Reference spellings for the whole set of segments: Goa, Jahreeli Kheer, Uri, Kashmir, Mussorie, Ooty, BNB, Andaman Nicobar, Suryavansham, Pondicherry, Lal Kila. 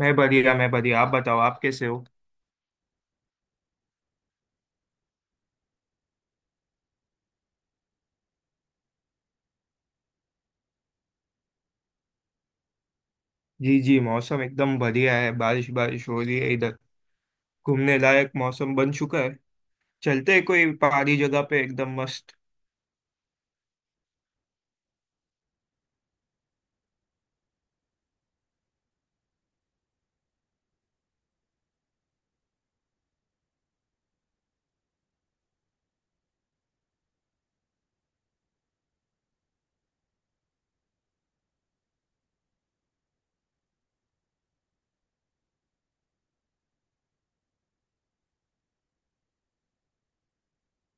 मैं बढ़िया। आप बताओ आप कैसे हो। जी जी मौसम एकदम बढ़िया है। बारिश बारिश हो रही है इधर। घूमने लायक मौसम बन चुका है। चलते हैं कोई पहाड़ी जगह पे एकदम मस्त।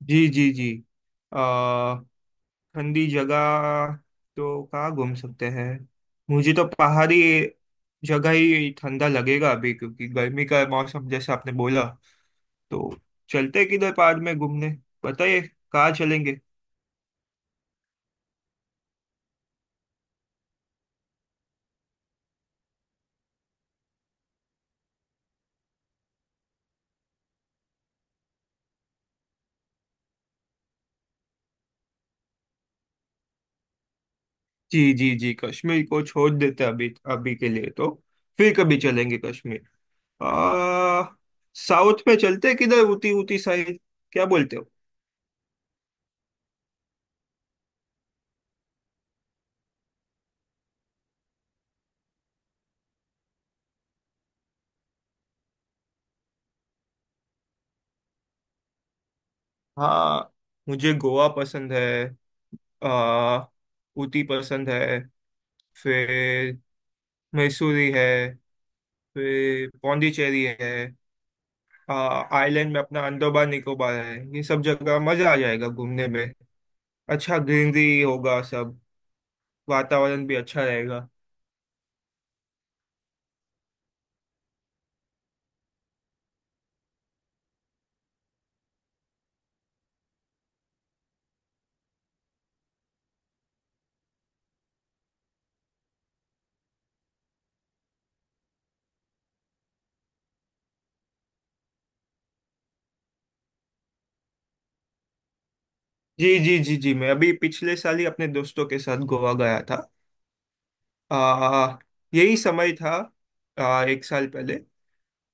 जी जी जी। आ ठंडी जगह तो कहाँ घूम सकते हैं। मुझे तो पहाड़ी जगह ही ठंडा लगेगा अभी, क्योंकि गर्मी का मौसम जैसे आपने बोला, तो चलते हैं किधर पहाड़ में घूमने। बताइए कहाँ चलेंगे। जी जी जी, कश्मीर को छोड़ देते अभी अभी के लिए, तो फिर कभी चलेंगे कश्मीर। आ साउथ में चलते हैं किधर, उटी उटी साइड। क्या बोलते हो। हाँ, मुझे गोवा पसंद है। आ उटी पसंद है। फिर मैसूरी है। फिर पौंडीचेरी है। आ आइलैंड में अपना अंडमान निकोबार है। ये सब जगह मजा आ जाएगा घूमने में। अच्छा ग्रीनरी होगा सब। वातावरण भी अच्छा रहेगा। जी जी जी जी, मैं अभी पिछले साल ही अपने दोस्तों के साथ गोवा गया था। आ, यही समय था, एक साल पहले।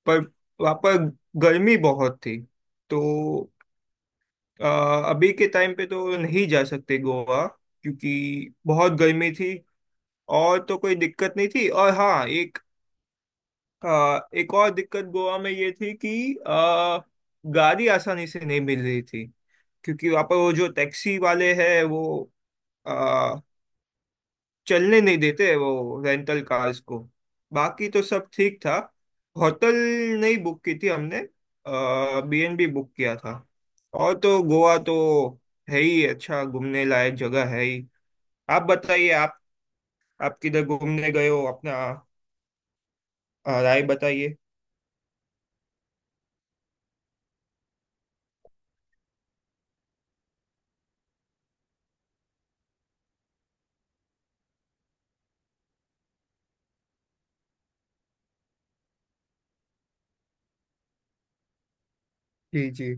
पर वहाँ पर गर्मी बहुत थी। तो अभी के टाइम पे तो नहीं जा सकते गोवा, क्योंकि बहुत गर्मी थी। और तो कोई दिक्कत नहीं थी। और हाँ, एक एक और दिक्कत गोवा में ये थी कि गाड़ी आसानी से नहीं मिल रही थी, क्योंकि वहाँ पर वो जो टैक्सी वाले हैं वो चलने नहीं देते वो रेंटल कार्स को। बाकी तो सब ठीक था। होटल नहीं बुक की थी हमने, बीएनबी बुक किया था। और तो गोवा तो है ही अच्छा, घूमने लायक जगह है ही। आप बताइए, आप किधर घूमने गए हो अपना, राय बताइए। जी जी,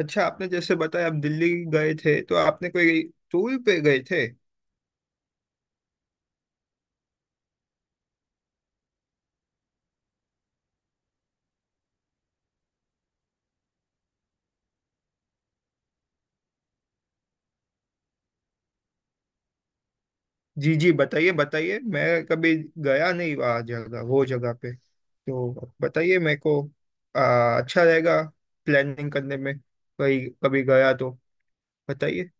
अच्छा आपने जैसे बताया आप दिल्ली गए थे, तो आपने कोई टूर पे गए थे। जी जी, बताइए बताइए, मैं कभी गया नहीं वहाँ जगह, वो जगह पे, तो बताइए मेरे को अच्छा रहेगा प्लानिंग करने में, कहीं कभी गया तो बताइए।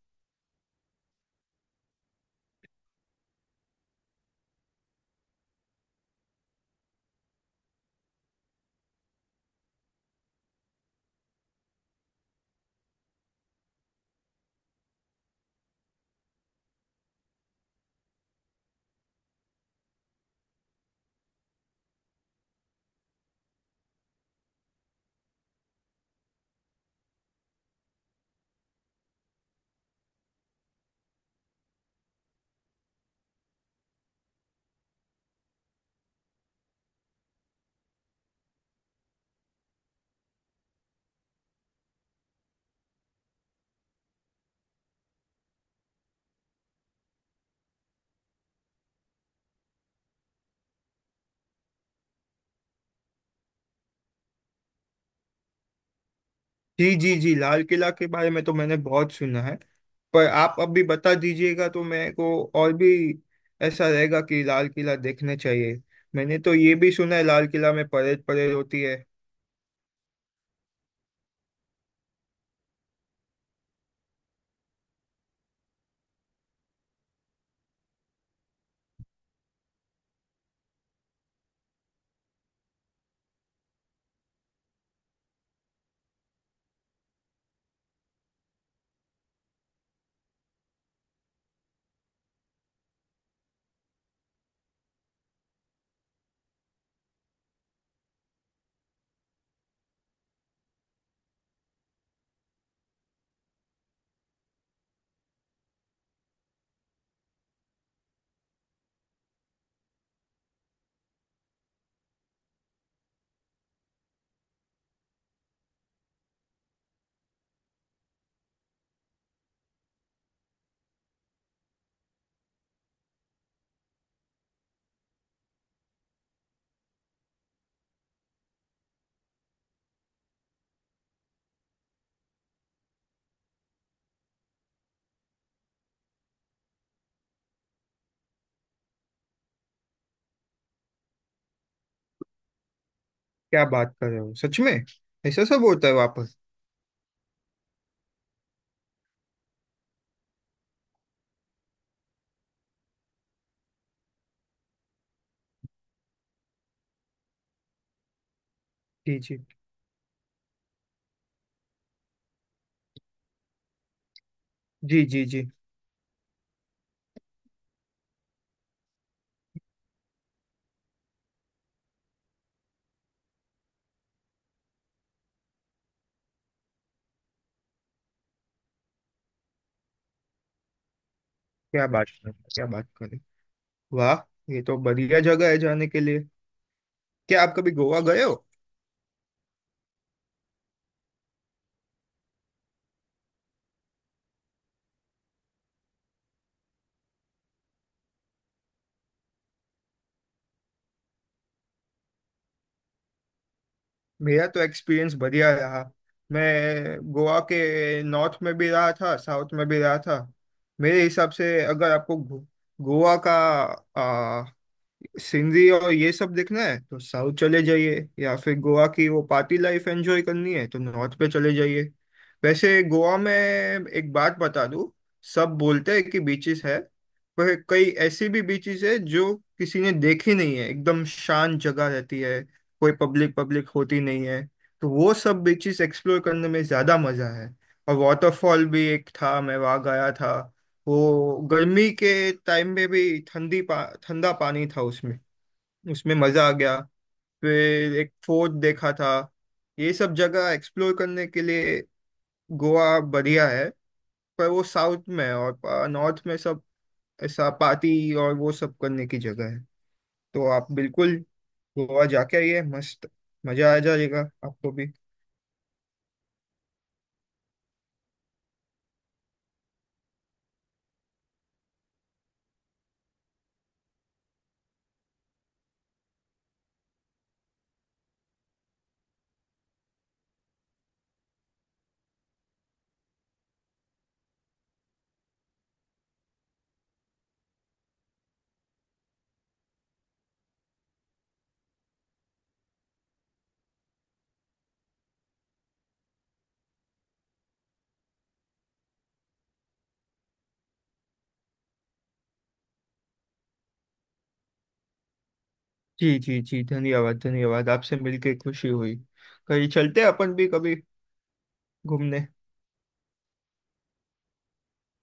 जी जी जी, लाल किला के बारे में तो मैंने बहुत सुना है। पर आप अब भी बता दीजिएगा तो मेरे को और भी ऐसा रहेगा कि लाल किला देखने चाहिए। मैंने तो ये भी सुना है लाल किला में परेड परेड होती है। क्या बात कर रहे हो, सच में ऐसा सब होता है वापस। जी जी जी जी जी, क्या बात करें। वाह, ये तो बढ़िया जगह है जाने के लिए। क्या आप कभी गोवा गए हो। मेरा तो एक्सपीरियंस बढ़िया रहा। मैं गोवा के नॉर्थ में भी रहा था, साउथ में भी रहा था। मेरे हिसाब से अगर आपको गोवा का सिंधी और ये सब देखना है तो साउथ चले जाइए, या फिर गोवा की वो पार्टी लाइफ एंजॉय करनी है तो नॉर्थ पे चले जाइए। वैसे गोवा में एक बात बता दूं, सब बोलते हैं कि बीचेस है, पर कई ऐसी भी बीचेस है जो किसी ने देखी नहीं है, एकदम शांत जगह रहती है, कोई पब्लिक पब्लिक होती नहीं है। तो वो सब बीचेस एक्सप्लोर करने में ज्यादा मजा है। और वाटरफॉल भी एक था मैं वहाँ गया था। वो गर्मी के टाइम में भी ठंडा पानी था उसमें। उसमें मजा आ गया। फिर एक फोर्ट देखा था। ये सब जगह एक्सप्लोर करने के लिए गोवा बढ़िया है। पर वो साउथ में है, और नॉर्थ में सब ऐसा पार्टी और वो सब करने की जगह है। तो आप बिल्कुल गोवा जाके आइए मस्त, मजा आ जाएगा आपको भी। जी जी जी, धन्यवाद धन्यवाद, आपसे मिलके खुशी हुई। कहीं चलते हैं अपन भी कभी घूमने।